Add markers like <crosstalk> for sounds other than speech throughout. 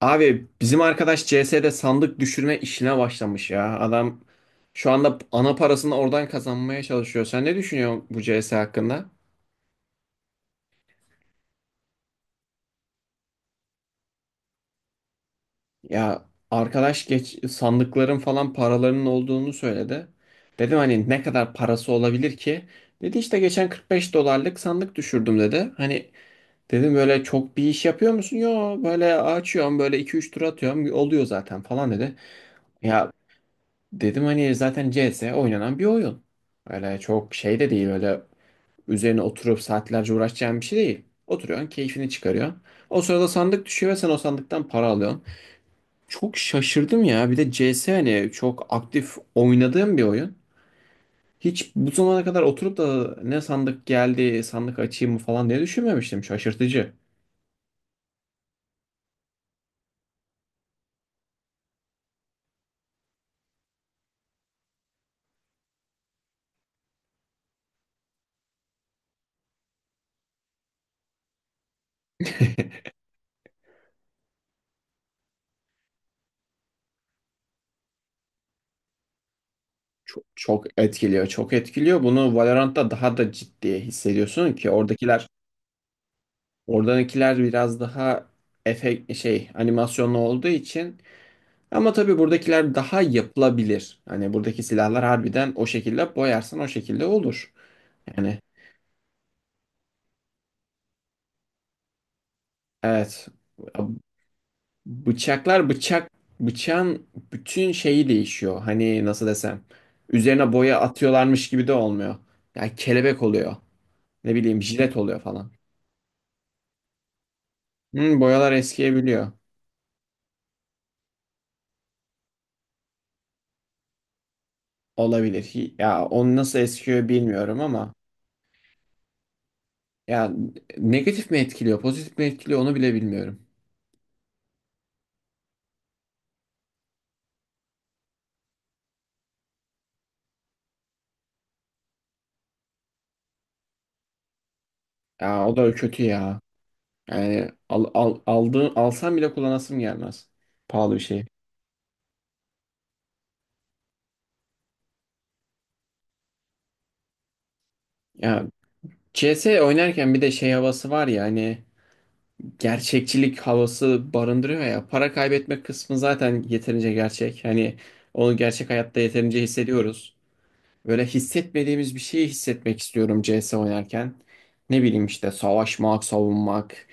Abi bizim arkadaş CS'de sandık düşürme işine başlamış ya. Adam şu anda ana parasını oradan kazanmaya çalışıyor. Sen ne düşünüyorsun bu CS hakkında? Ya arkadaş geç sandıkların falan paralarının olduğunu söyledi. Dedim hani ne kadar parası olabilir ki? Dedi işte geçen 45 dolarlık sandık düşürdüm dedi. Hani dedim böyle çok bir iş yapıyor musun? Yo, böyle açıyorum, böyle iki üç tur atıyorum oluyor zaten falan dedi. Ya, dedim hani zaten CS oynanan bir oyun. Öyle çok şey de değil, öyle üzerine oturup saatlerce uğraşacağın bir şey değil. Oturuyorsun, keyfini çıkarıyorsun. O sırada sandık düşüyor ve sen o sandıktan para alıyorsun. Çok şaşırdım ya, bir de CS hani çok aktif oynadığım bir oyun. Hiç bu zamana kadar oturup da ne sandık geldi, sandık açayım mı falan diye düşünmemiştim, şaşırtıcı. <laughs> Çok, çok etkiliyor, çok etkiliyor bunu, Valorant'ta daha da ciddi hissediyorsun ki oradakiler, oradakiler biraz daha efekt şey animasyonlu olduğu için, ama tabii buradakiler daha yapılabilir. Hani buradaki silahlar harbiden o şekilde boyarsan o şekilde olur. Yani evet, bıçak bıçağın bütün şeyi değişiyor. Hani nasıl desem, üzerine boya atıyorlarmış gibi de olmuyor. Yani kelebek oluyor. Ne bileyim jilet oluyor falan. Hı, Boyalar eskiyebiliyor. Olabilir. Ya onu nasıl eskiyor bilmiyorum ama ya negatif mi etkiliyor, pozitif mi etkiliyor onu bile bilmiyorum. Ya o da kötü ya. Yani aldığın, alsam bile kullanasım gelmez. Pahalı bir şey. Ya CS oynarken bir de şey havası var ya, hani gerçekçilik havası barındırıyor ya. Para kaybetme kısmı zaten yeterince gerçek. Hani onu gerçek hayatta yeterince hissediyoruz. Böyle hissetmediğimiz bir şeyi hissetmek istiyorum CS oynarken. Ne bileyim işte savaşmak, savunmak,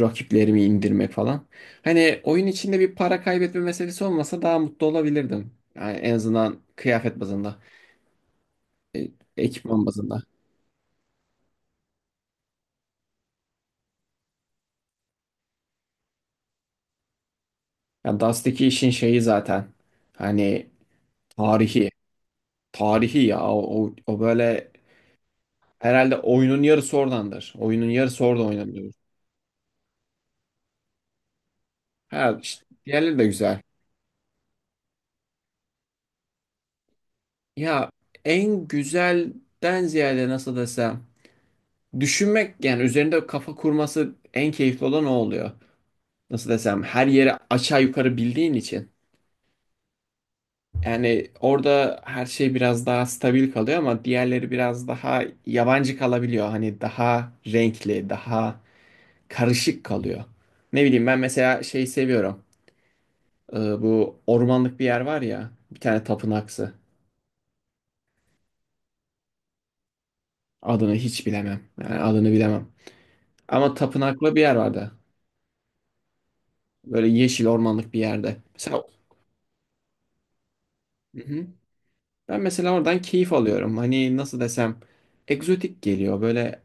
rakiplerimi indirmek falan. Hani oyun içinde bir para kaybetme meselesi olmasa daha mutlu olabilirdim. Yani en azından kıyafet bazında, e, ekipman bazında. Yani Dust'taki işin şeyi zaten hani tarihi, ya o böyle, herhalde oyunun yarısı oradandır. Oyunun yarısı orada oynanıyor. Ha, işte diğerleri de güzel. Ya en güzelden ziyade, nasıl desem, düşünmek yani, üzerinde kafa kurması en keyifli olan o oluyor. Nasıl desem, her yeri aşağı yukarı bildiğin için. Yani orada her şey biraz daha stabil kalıyor ama diğerleri biraz daha yabancı kalabiliyor. Hani daha renkli, daha karışık kalıyor. Ne bileyim ben mesela şeyi seviyorum. Bu ormanlık bir yer var ya, bir tane tapınaksı. Adını hiç bilemem. Yani adını bilemem. Ama tapınaklı bir yer vardı. Böyle yeşil ormanlık bir yerde. Mesela hı hı, ben mesela oradan keyif alıyorum. Hani nasıl desem, egzotik geliyor. Böyle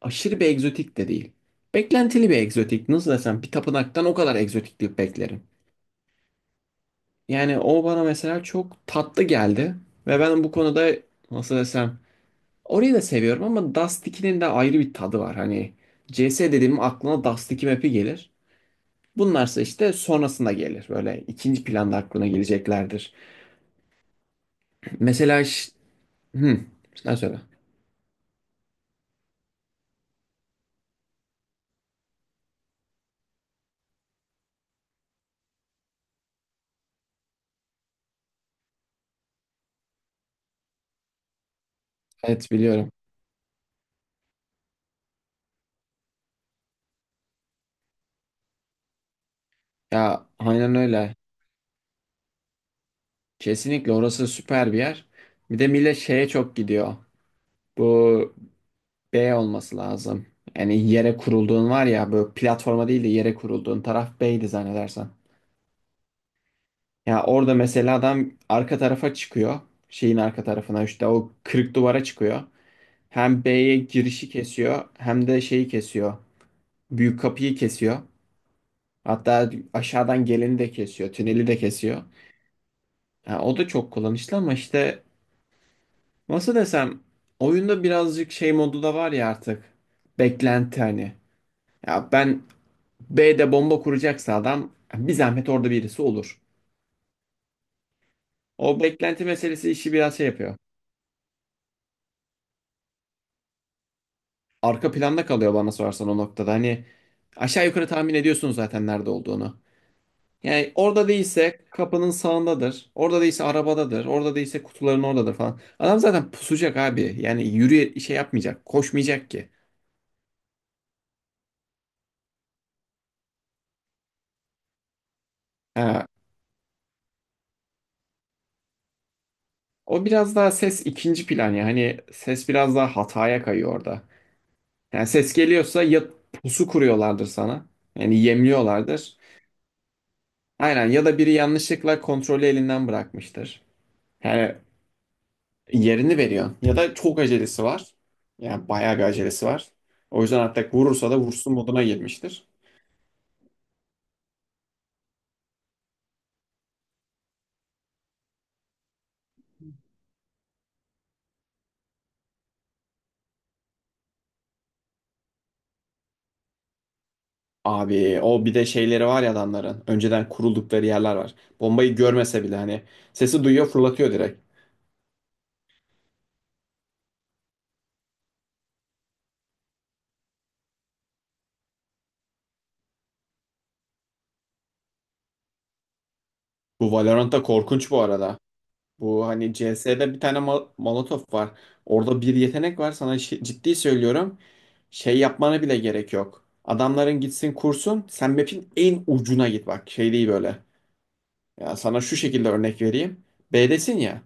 aşırı bir egzotik de değil. Beklentili bir egzotik. Nasıl desem, bir tapınaktan o kadar egzotiklik beklerim. Yani o bana mesela çok tatlı geldi. Ve ben bu konuda, nasıl desem, orayı da seviyorum ama Dust 2'nin de ayrı bir tadı var. Hani CS dediğim aklına Dust 2 map'i gelir. Bunlarsa işte sonrasında gelir. Böyle ikinci planda aklına geleceklerdir. Mesela, Hı, sen söyle. Evet, biliyorum. Ya aynen öyle. Kesinlikle orası süper bir yer. Bir de millet şeye çok gidiyor. Bu B olması lazım. Yani yere kurulduğun var ya, böyle platforma değil de yere kurulduğun taraf B'ydi zannedersen. Ya orada mesela adam arka tarafa çıkıyor. Şeyin arka tarafına işte o kırık duvara çıkıyor. Hem B'ye girişi kesiyor hem de şeyi kesiyor. Büyük kapıyı kesiyor. Hatta aşağıdan geleni de kesiyor. Tüneli de kesiyor. Ya o da çok kullanışlı ama işte, nasıl desem, oyunda birazcık şey modu da var ya artık. Beklenti hani. Ya ben, B'de bomba kuracaksa adam bir zahmet orada birisi olur. O beklenti meselesi işi biraz şey yapıyor. Arka planda kalıyor bana sorarsan o noktada. Hani aşağı yukarı tahmin ediyorsun zaten nerede olduğunu. Yani orada değilse kapının sağındadır. Orada değilse arabadadır. Orada değilse kutuların oradadır falan. Adam zaten pusacak abi. Yani yürüye şey yapmayacak. Koşmayacak ki. Ha, o biraz daha ses ikinci plan ya. Hani ses biraz daha hataya kayıyor orada. Yani ses geliyorsa ya pusu kuruyorlardır sana. Yani yemliyorlardır. Aynen, ya da biri yanlışlıkla kontrolü elinden bırakmıştır. Yani yerini veriyorsun. Ya da çok acelesi var. Yani bayağı bir acelesi var. O yüzden hatta vurursa da vursun moduna girmiştir. Abi o bir de şeyleri var ya adamların. Önceden kuruldukları yerler var. Bombayı görmese bile hani sesi duyuyor, fırlatıyor direkt. Bu Valorant'ta korkunç bu arada. Bu hani CS'de bir tane Molotov var. Orada bir yetenek var, sana ciddi söylüyorum. Şey yapmana bile gerek yok. Adamların gitsin kursun, sen map'in en ucuna git, bak şey değil böyle. Ya sana şu şekilde örnek vereyim. B'desin ya,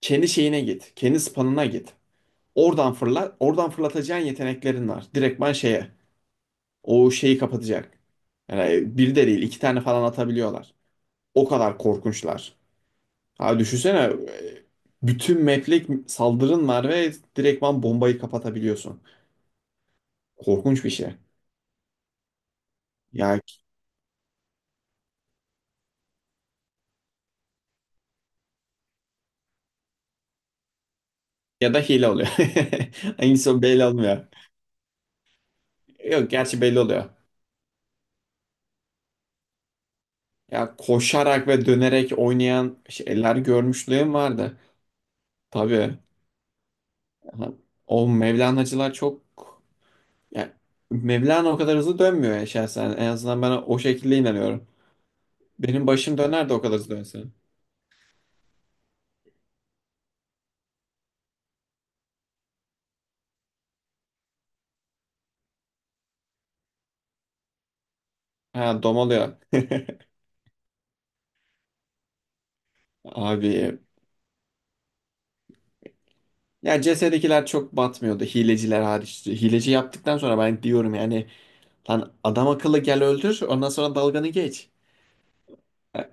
kendi şeyine git, kendi spawn'ına git. Oradan fırlat, oradan fırlatacağın yeteneklerin var. Direktman şeye. O şeyi kapatacak. Yani bir de değil iki tane falan atabiliyorlar. O kadar korkunçlar. Ha düşünsene, e, bütün map'lik saldırın var ve direktman bombayı kapatabiliyorsun. Korkunç bir şey. Ya ya da hile oluyor. <laughs> Hangisi o belli olmuyor. Yok, gerçi belli oluyor. Ya koşarak ve dönerek oynayan şeyler görmüşlüğüm vardı. Tabii. Ha, o Mevlana'cılar çok... Ya Mevlana o kadar hızlı dönmüyor ya şahsen. En azından ben o şekilde inanıyorum. Benim başım döner de o kadar hızlı dönse. Ha domalıyor. <laughs> Abi. Ya CS'dekiler çok batmıyordu. Hileciler hariç. Hileci yaptıktan sonra ben diyorum yani, lan adam akıllı gel öldür, ondan sonra dalganı geç. Ha,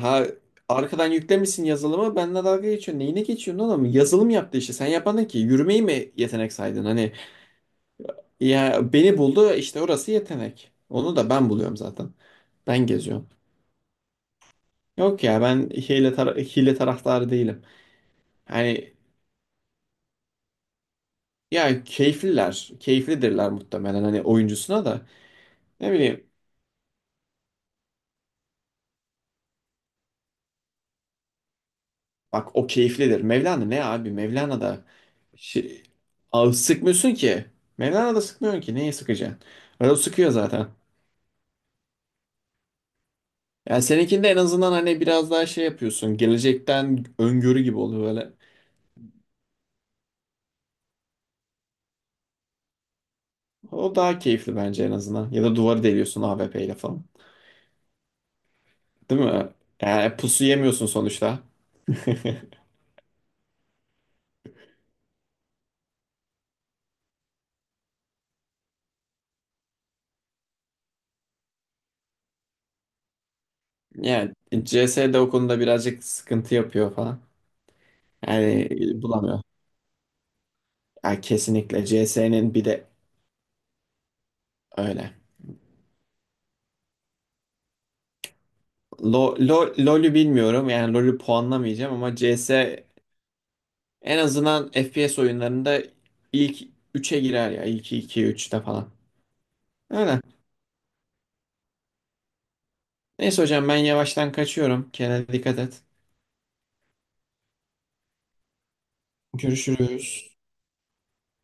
ha, arkadan yüklemişsin yazılımı, benimle dalga geçiyorsun. Neyine geçiyorsun oğlum? Yazılım yaptı işte. Sen yapanın ki yürümeyi mi yetenek saydın? Hani ya beni buldu işte, orası yetenek. Onu da ben buluyorum zaten. Ben geziyorum. Yok ya, ben hile, hile taraftarı değilim. Yani ya keyifliler, keyiflidirler muhtemelen, hani oyuncusuna da. Ne bileyim, bak o keyiflidir. Mevlana ne abi? Mevlana da şi- ağı sıkmıyorsun ki. Mevlana da sıkmıyorsun ki. Neye sıkacaksın? Öyle sıkıyor zaten. Yani seninkinde en azından hani biraz daha şey yapıyorsun. Gelecekten öngörü gibi oluyor böyle. O daha keyifli bence en azından. Ya da duvarı deliyorsun AWP ile falan. Değil mi? Yani pusu yemiyorsun sonuçta. <laughs> Yani CS de o konuda birazcık sıkıntı yapıyor falan. Yani bulamıyor. Ya kesinlikle CS'nin bir de öyle. LoL'ü bilmiyorum yani, LoL'ü puanlamayacağım ama CS en azından FPS oyunlarında ilk üçe girer ya, ilk 2 üçte falan. Öyle. Neyse hocam ben yavaştan kaçıyorum. Kendine dikkat et. Görüşürüz.